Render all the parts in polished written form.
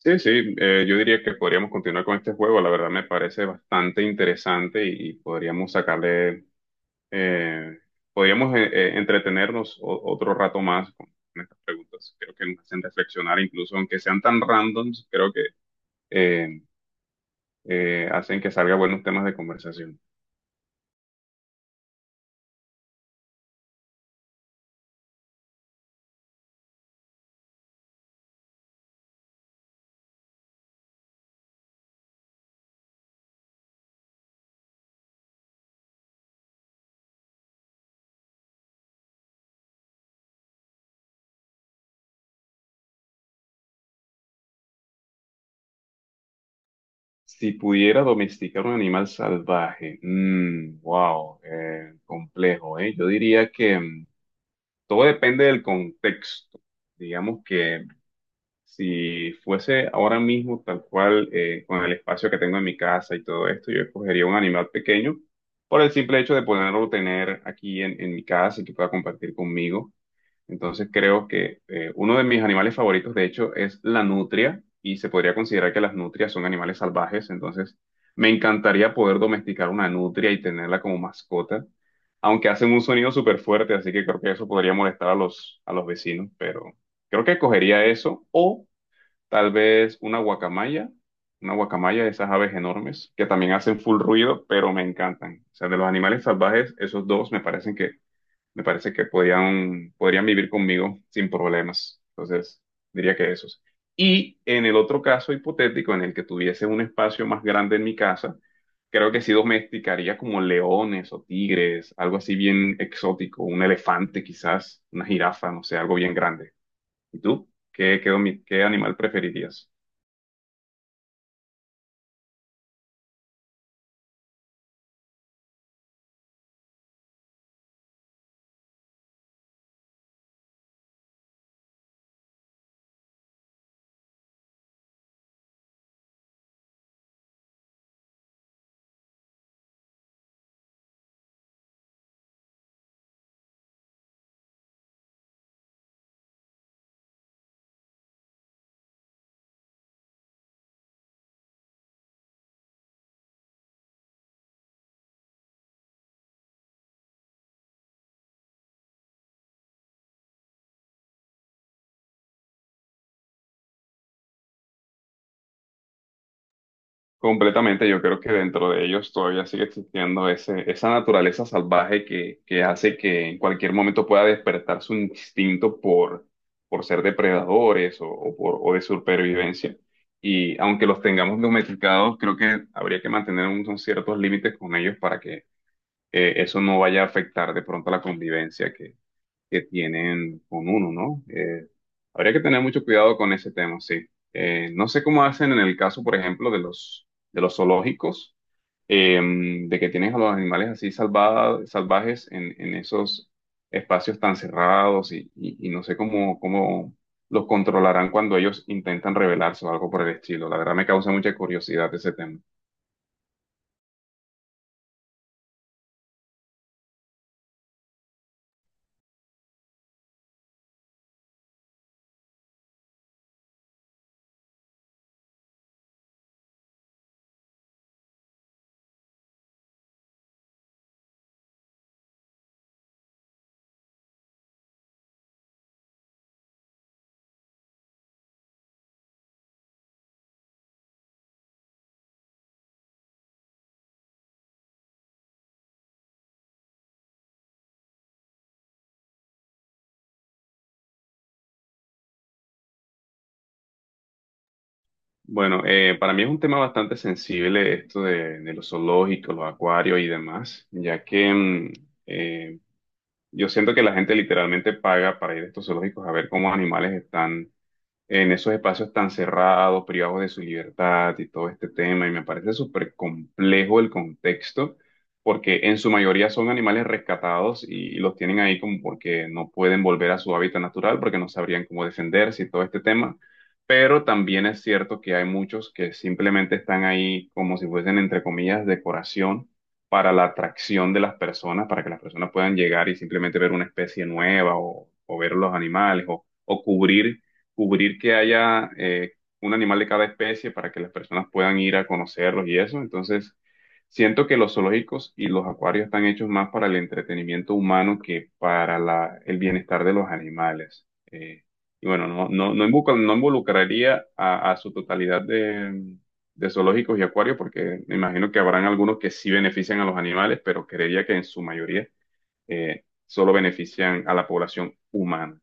Sí, sí, yo diría que podríamos continuar con este juego. La verdad me parece bastante interesante y podríamos sacarle, eh, podríamos entretenernos otro rato más con estas preguntas. Creo que nos hacen reflexionar, incluso aunque sean tan randoms, creo que eh, hacen que salgan buenos temas de conversación. Si pudiera domesticar un animal salvaje, mm, wow, complejo, ¿eh? Yo diría que todo depende del contexto. Digamos que si fuese ahora mismo tal cual con el espacio que tengo en mi casa y todo esto, yo escogería un animal pequeño por el simple hecho de poderlo tener aquí en mi casa y que pueda compartir conmigo. Entonces creo que uno de mis animales favoritos, de hecho, es la nutria y se podría considerar que las nutrias son animales salvajes. Entonces me encantaría poder domesticar una nutria y tenerla como mascota, aunque hacen un sonido súper fuerte, así que creo que eso podría molestar a a los vecinos, pero creo que escogería eso o tal vez una guacamaya, una guacamaya, esas aves enormes que también hacen full ruido, pero me encantan. O sea, de los animales salvajes, esos dos me parece que podrían vivir conmigo sin problemas. Entonces, diría que esos. Y en el otro caso hipotético en el que tuviese un espacio más grande en mi casa, creo que sí domesticaría como leones o tigres, algo así bien exótico, un elefante quizás, una jirafa, no sé, algo bien grande. ¿Y tú? ¿Qué, qué animal preferirías? Completamente, yo creo que dentro de ellos todavía sigue existiendo esa naturaleza salvaje que hace que en cualquier momento pueda despertar su instinto por ser depredadores o de supervivencia. Y aunque los tengamos domesticados, creo que habría que mantener unos ciertos límites con ellos para que eso no vaya a afectar de pronto la convivencia que tienen con uno, ¿no? Habría que tener mucho cuidado con ese tema, sí. No sé cómo hacen en el caso, por ejemplo, de de los zoológicos, de que tienen a los animales así salvajes en esos espacios tan cerrados y no sé cómo, cómo los controlarán cuando ellos intentan rebelarse o algo por el estilo. La verdad me causa mucha curiosidad ese tema. Bueno, para mí es un tema bastante sensible esto de los zoológicos, los acuarios y demás, ya que eh, yo siento que la gente literalmente paga para ir a estos zoológicos a ver cómo animales están en esos espacios tan cerrados, privados de su libertad y todo este tema. Y me parece súper complejo el contexto, porque en su mayoría son animales rescatados y los tienen ahí como porque no pueden volver a su hábitat natural, porque no sabrían cómo defenderse y todo este tema. Pero también es cierto que hay muchos que simplemente están ahí como si fuesen, entre comillas, decoración para la atracción de las personas, para que las personas puedan llegar y simplemente ver una especie nueva o ver los animales o cubrir que haya un animal de cada especie para que las personas puedan ir a conocerlos y eso. Entonces, siento que los zoológicos y los acuarios están hechos más para el entretenimiento humano que para el bienestar de los animales. Eh, y bueno, no no involucraría a su totalidad de zoológicos y acuarios, porque me imagino que habrán algunos que sí benefician a los animales, pero creería que en su mayoría solo benefician a la población humana.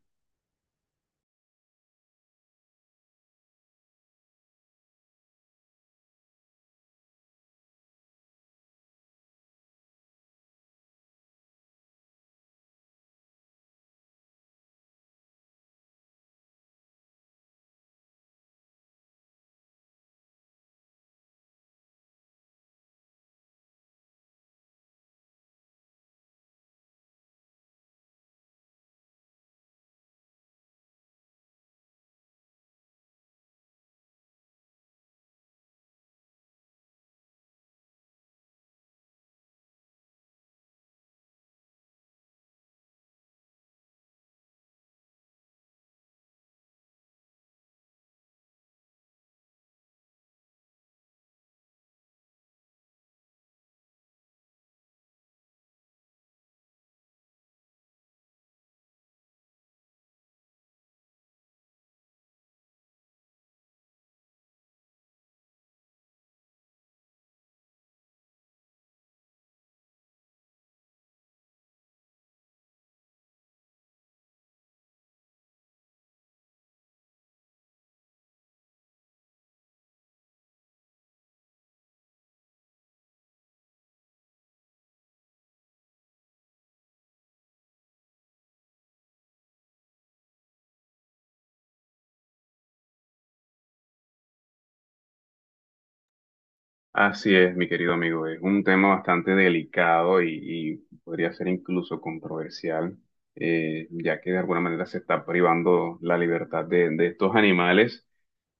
Así es, mi querido amigo, es un tema bastante delicado y podría ser incluso controversial, ya que de alguna manera se está privando la libertad de estos animales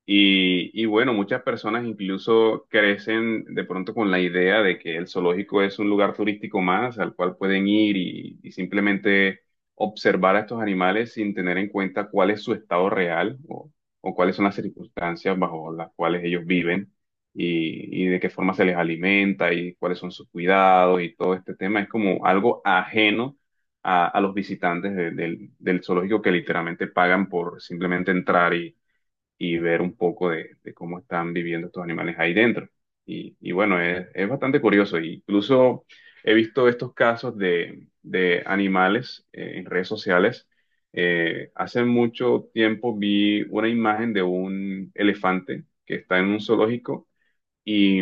y bueno, muchas personas incluso crecen de pronto con la idea de que el zoológico es un lugar turístico más al cual pueden ir y simplemente observar a estos animales sin tener en cuenta cuál es su estado real o cuáles son las circunstancias bajo las cuales ellos viven y de qué forma se les alimenta y cuáles son sus cuidados y todo este tema. Es como algo ajeno a los visitantes del zoológico que literalmente pagan por simplemente entrar y ver un poco de cómo están viviendo estos animales ahí dentro. Y bueno, es bastante curioso. Incluso he visto estos casos de animales en redes sociales. Hace mucho tiempo vi una imagen de un elefante que está en un zoológico y,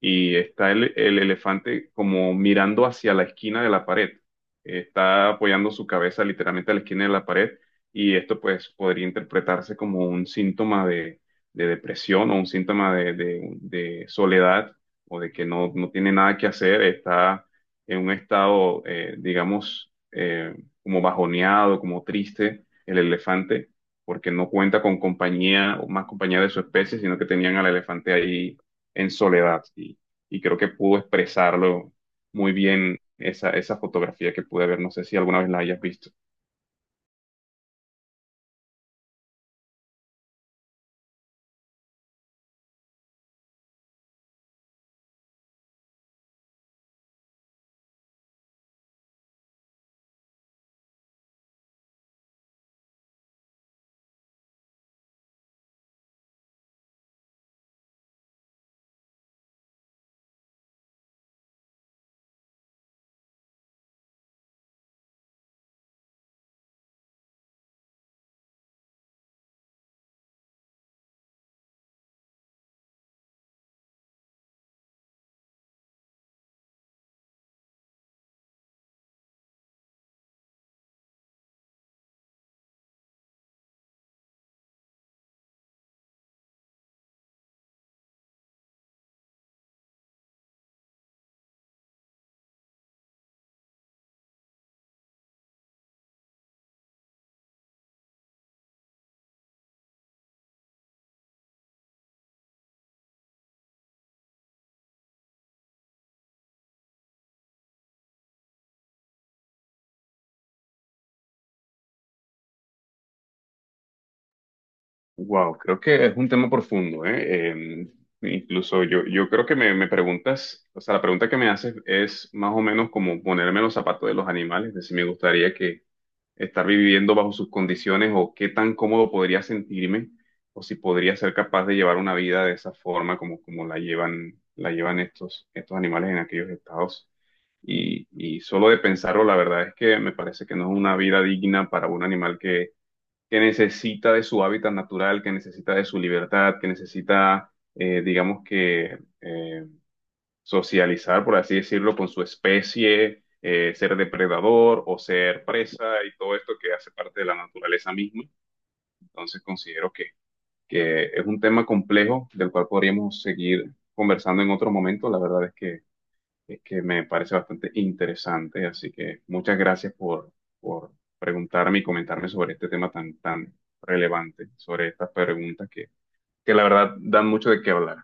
y está el elefante como mirando hacia la esquina de la pared. Está apoyando su cabeza literalmente a la esquina de la pared y esto pues podría interpretarse como un síntoma de depresión o un síntoma de soledad o de que no tiene nada que hacer, está en un estado, digamos, como bajoneado, como triste el elefante porque no cuenta con compañía o más compañía de su especie, sino que tenían al elefante ahí en soledad y creo que pudo expresarlo muy bien esa, esa fotografía que pude ver. No sé si alguna vez la hayas visto. Wow, creo que es un tema profundo, ¿eh? Incluso yo, yo creo que me preguntas, o sea, la pregunta que me haces es más o menos como ponerme en los zapatos de los animales, es decir, me gustaría que estar viviendo bajo sus condiciones o qué tan cómodo podría sentirme o si podría ser capaz de llevar una vida de esa forma como, como la llevan estos, estos animales en aquellos estados. Y solo de pensarlo, la verdad es que me parece que no es una vida digna para un animal que necesita de su hábitat natural, que necesita de su libertad, que necesita, digamos que, socializar, por así decirlo, con su especie, ser depredador o ser presa y todo esto que hace parte de la naturaleza misma. Entonces considero que es un tema complejo del cual podríamos seguir conversando en otro momento. La verdad es es que me parece bastante interesante, así que muchas gracias por preguntarme y comentarme sobre este tema tan, tan relevante, sobre estas preguntas que la verdad dan mucho de qué hablar.